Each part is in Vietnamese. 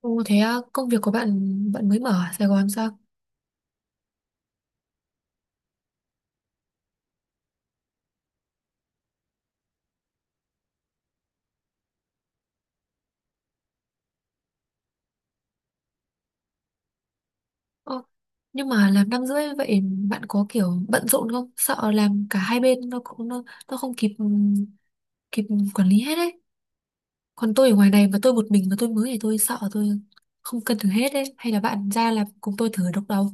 Ồ thế á, công việc của bạn bạn mới mở ở Sài Gòn sao? Ồ, nhưng mà làm năm rưỡi vậy bạn có kiểu bận rộn không? Sợ làm cả hai bên nó không kịp kịp quản lý hết đấy. Còn tôi ở ngoài này mà tôi một mình mà tôi mới thì tôi sợ tôi không cân được hết đấy. Hay là bạn ra làm cùng tôi thử độc đầu.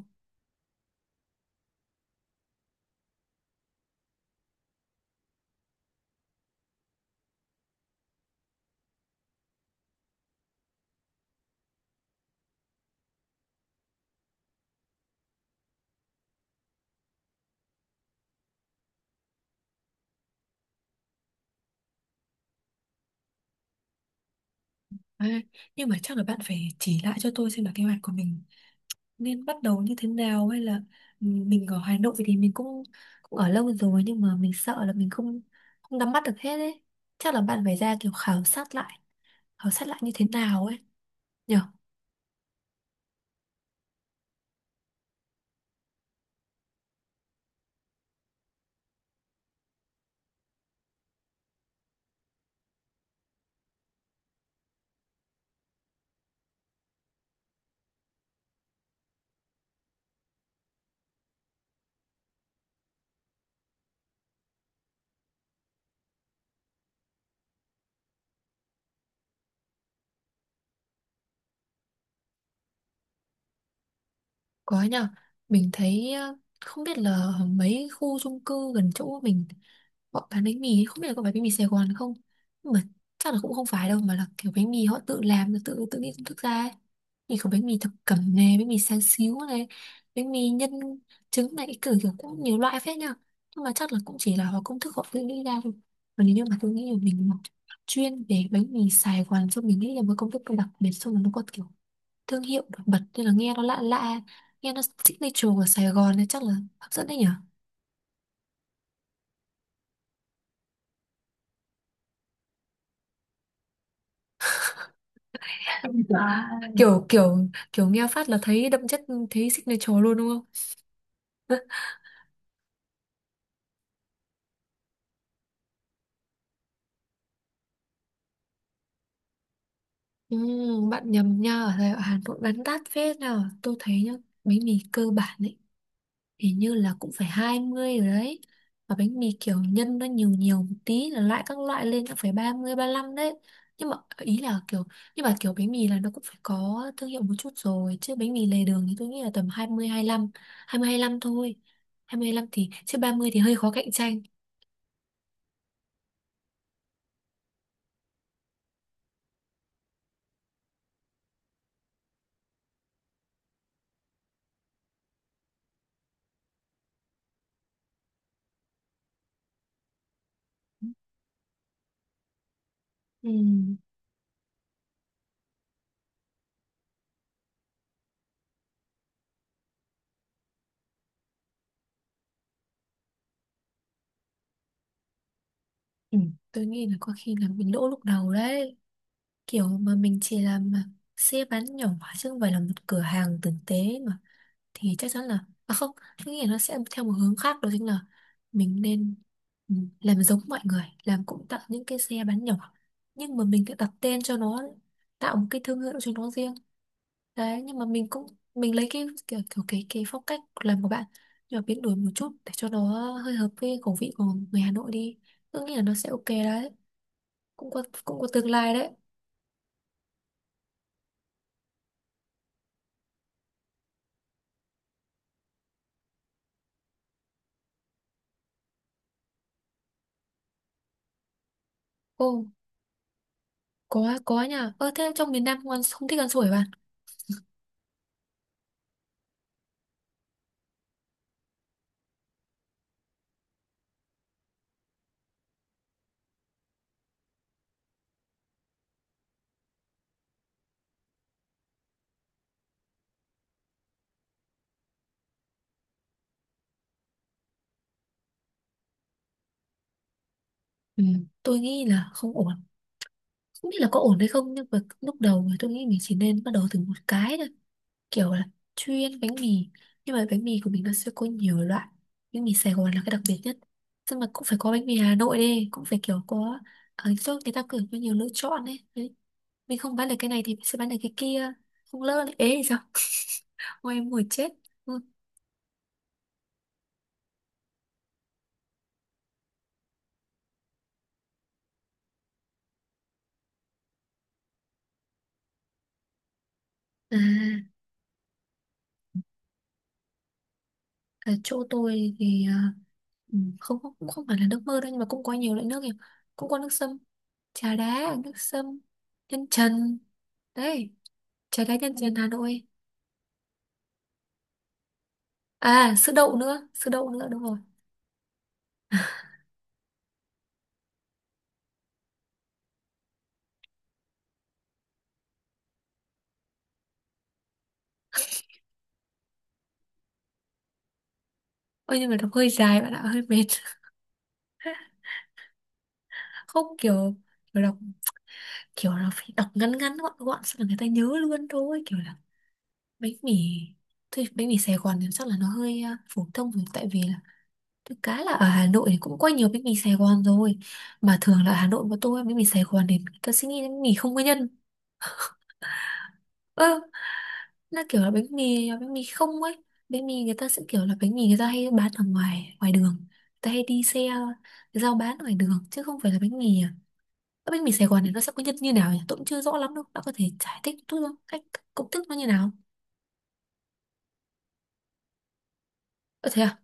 À, nhưng mà chắc là bạn phải chỉ lại cho tôi xem là kế hoạch của mình nên bắt đầu như thế nào, hay là mình ở Hà Nội thì mình cũng cũng ở lâu rồi, nhưng mà mình sợ là mình không không nắm bắt được hết ấy. Chắc là bạn phải ra kiểu khảo sát lại, khảo sát lại như thế nào ấy nhỉ. Có nhờ, mình thấy không biết là mấy khu chung cư gần chỗ mình họ bán bánh mì, không biết là có phải bánh mì Sài Gòn không. Nhưng mà chắc là cũng không phải đâu, mà là kiểu bánh mì họ tự làm, rồi tự tự nghĩ công thức ra ấy. Thì có bánh mì thập cẩm này, bánh mì sáng xíu này, bánh mì nhân trứng này, kiểu kiểu cũng nhiều loại phết nhờ. Nhưng mà chắc là cũng chỉ là họ công thức họ tự nghĩ ra thôi. Còn nếu như mà tôi nghĩ là mình mà chuyên về bánh mì Sài Gòn, xong mình nghĩ là một công thức đặc biệt, xong rồi nó có kiểu thương hiệu đặc bật nên là nghe nó lạ lạ, nghe nó signature của Sài Gòn này chắc là hấp dẫn đấy nhỉ. Dạ. kiểu kiểu kiểu nghe phát là thấy đậm chất, thấy signature luôn đúng không. Ừ, bạn nhầm nha, ở Hà Nội bán đắt phết nào tôi thấy nhá. Bánh mì cơ bản ấy hình như là cũng phải 20 rồi đấy, và bánh mì kiểu nhân nó nhiều nhiều một tí là lại các loại lên cũng phải 30 lăm đấy. nhưng mà ý là kiểu nhưng mà kiểu bánh mì là nó cũng phải có thương hiệu một chút rồi, chứ bánh mì lề đường thì tôi nghĩ là tầm 20 lăm thôi. 20 lăm thì chứ 30 thì hơi khó cạnh tranh. Ừ. Ừ. Tôi nghĩ là có khi là mình lỗ lúc đầu đấy, kiểu mà mình chỉ làm mà xe bán nhỏ chứ không phải là một cửa hàng tử tế mà thì chắc chắn là, à không, tôi nghĩ là nó sẽ theo một hướng khác, đó chính là mình nên làm giống mọi người làm, cũng tạo những cái xe bán nhỏ nhưng mà mình sẽ đặt tên cho nó, tạo một cái thương hiệu cho nó riêng đấy. Nhưng mà mình cũng mình lấy cái kiểu, kiểu cái phong cách làm của bạn nhưng mà biến đổi một chút để cho nó hơi hợp với khẩu vị của người Hà Nội đi. Tôi nghĩ là nó sẽ ok đấy, cũng có tương lai đấy. Ô, có nha. Ơ thế trong miền Nam không, ăn, không thích ăn sủi bạn. Ừ, tôi nghĩ là không ổn. Không biết là có ổn hay không, nhưng mà lúc đầu thì tôi nghĩ mình chỉ nên bắt đầu từ một cái thôi, kiểu là chuyên bánh mì, nhưng mà bánh mì của mình nó sẽ có nhiều loại. Bánh mì Sài Gòn là cái đặc biệt nhất, xong mà cũng phải có bánh mì Hà Nội đi, cũng phải kiểu có ở chỗ người ta cử có nhiều lựa chọn ấy. Đấy. Mình không bán được cái này thì mình sẽ bán được cái kia, không lỡ lại ế thì sao. Ôi em ngồi chết. Ừ. À. Ở chỗ tôi thì không không, cũng không phải là nước mơ đâu, nhưng mà cũng có nhiều loại nước nhỉ. Cũng có nước sâm, trà đá nước sâm, nhân trần đấy, trà đá nhân trần Hà Nội. À, sữa đậu nữa, sữa đậu nữa đúng rồi. Ôi nhưng mà đọc hơi dài bạn ạ, hơi mệt. Không kiểu, kiểu đọc kiểu là phải đọc ngắn ngắn gọn gọn sao là người ta nhớ luôn thôi. Kiểu là bánh mì thôi. Bánh mì Sài Gòn thì chắc là nó hơi phổ thông rồi, tại vì là thực cá là ở Hà Nội thì cũng quay nhiều bánh mì Sài Gòn rồi. Mà thường là ở Hà Nội mà tôi ăn bánh mì Sài Gòn thì người ta sẽ nghĩ đến bánh mì không có nhân. Ơ, nó kiểu là bánh mì không ấy. Bánh mì người ta sẽ kiểu là bánh mì người ta hay bán ở ngoài ngoài đường. Người ta hay đi xe, giao bán ngoài đường, chứ không phải là bánh mì à. Cái bánh mì Sài Gòn này nó sẽ có nhân như nào nhỉ? Tôi cũng chưa rõ lắm đâu. Bạn có thể giải thích chút không? Cách công thức nó như nào? Ơ thế à?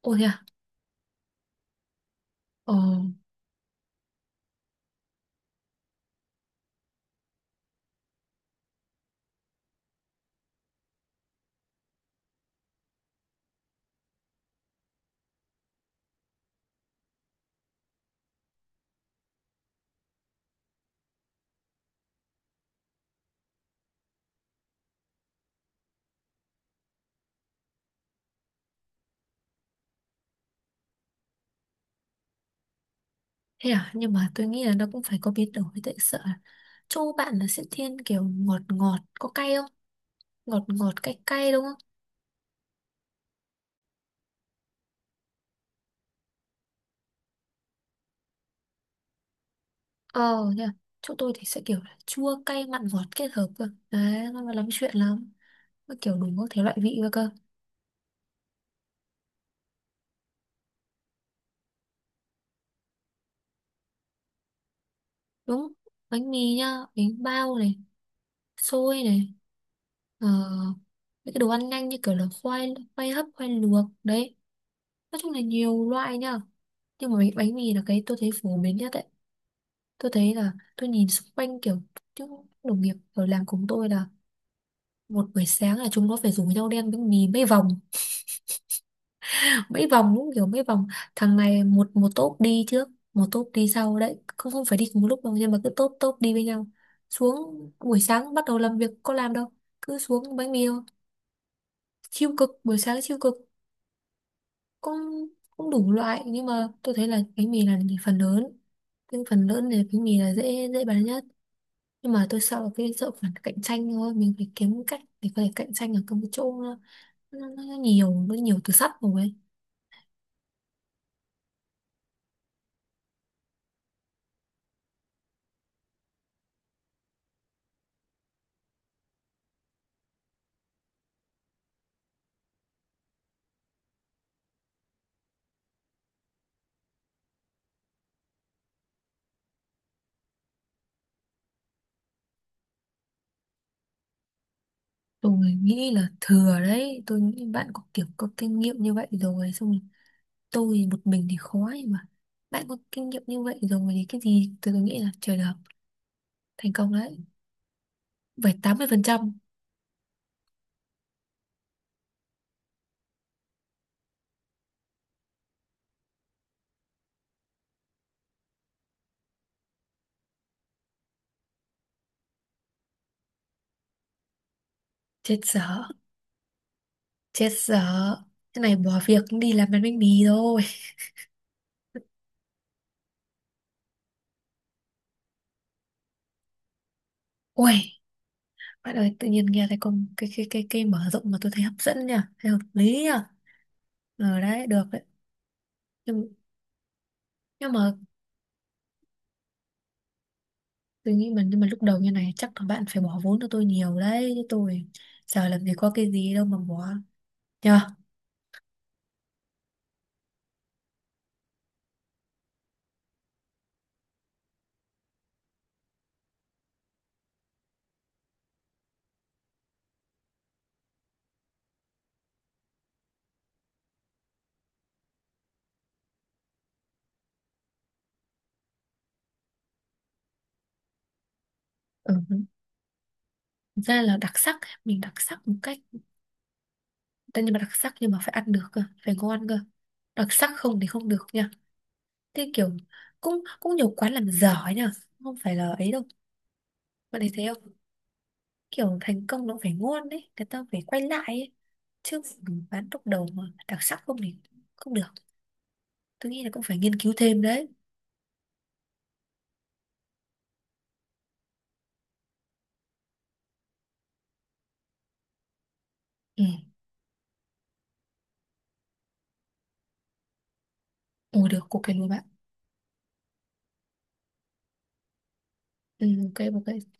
Ồ thế à? Ờ. Thế à, nhưng mà tôi nghĩ là nó cũng phải có biến đổi, tại sợ là chỗ bạn là sẽ thiên kiểu ngọt ngọt, có cay không? Ngọt ngọt cay cay đúng không? Ờ nha. Chỗ tôi thì sẽ kiểu là chua cay mặn ngọt kết hợp cơ. Đấy, nó mà lắm chuyện lắm. Nó kiểu đủ các thể loại vị cơ cơ. Đúng. Bánh mì nhá, bánh bao này, xôi này, ờ, những cái đồ ăn nhanh như kiểu là khoai khoai hấp, khoai luộc đấy. Nói chung là nhiều loại nhá. Nhưng mà bánh mì là cái tôi thấy phổ biến nhất đấy. Tôi thấy là tôi nhìn xung quanh kiểu những đồng nghiệp ở làng cùng tôi là một buổi sáng là chúng nó phải rủ nhau đen bánh mì mấy vòng. Mấy vòng đúng kiểu mấy vòng, thằng này một một tốp đi trước một tốp đi sau đấy, không không phải đi cùng một lúc đâu, nhưng mà cứ tốp tốp đi với nhau. Xuống buổi sáng bắt đầu làm việc có làm đâu, cứ xuống bánh mì thôi. Siêu cực buổi sáng siêu cực. Cũng cũng đủ loại, nhưng mà tôi thấy là bánh mì là phần lớn, cái phần lớn thì bánh mì là dễ dễ bán nhất. Nhưng mà tôi sợ cái sợ phần cạnh tranh thôi, mình phải kiếm cách để có thể cạnh tranh ở cái chỗ nó nhiều nó nhiều từ sắt rồi ấy. Tôi nghĩ là thừa đấy, tôi nghĩ bạn có kiểu có kinh nghiệm như vậy rồi, xong rồi tôi một mình thì khó ấy mà. Bạn có kinh nghiệm như vậy rồi thì cái gì tôi nghĩ là trời được, thành công đấy, phải 80%. Chết dở, chết dở, cái này bỏ việc đi làm bánh bánh mì rồi. Ui bạn ơi, tự nhiên nghe thấy con cái mở rộng mà tôi thấy hấp dẫn nha, thấy hợp lý nha. Ờ đấy, được đấy. Nhưng nhưng mà tôi nghĩ mà nhưng mà lúc đầu như này chắc là bạn phải bỏ vốn cho tôi nhiều đấy, chứ tôi giờ làm gì có cái gì đâu mà bỏ. Nhờ. Ừ. Thực ra là đặc sắc, mình đặc sắc một cách, tất nhiên mà đặc sắc nhưng mà phải ăn được cơ, phải ngon cơ. Đặc sắc không thì không được nha. Thế kiểu cũng cũng nhiều quán làm dở ấy nha, không phải là ấy đâu. Bạn thấy thế không? Kiểu thành công nó phải ngon đấy, người ta phải quay lại ấy chứ, bán lúc đầu mà đặc sắc không thì không được. Tôi nghĩ là cũng phải nghiên cứu thêm đấy. Ừ. Ồ được cục cái lúa bạn. Ừ, ok ok.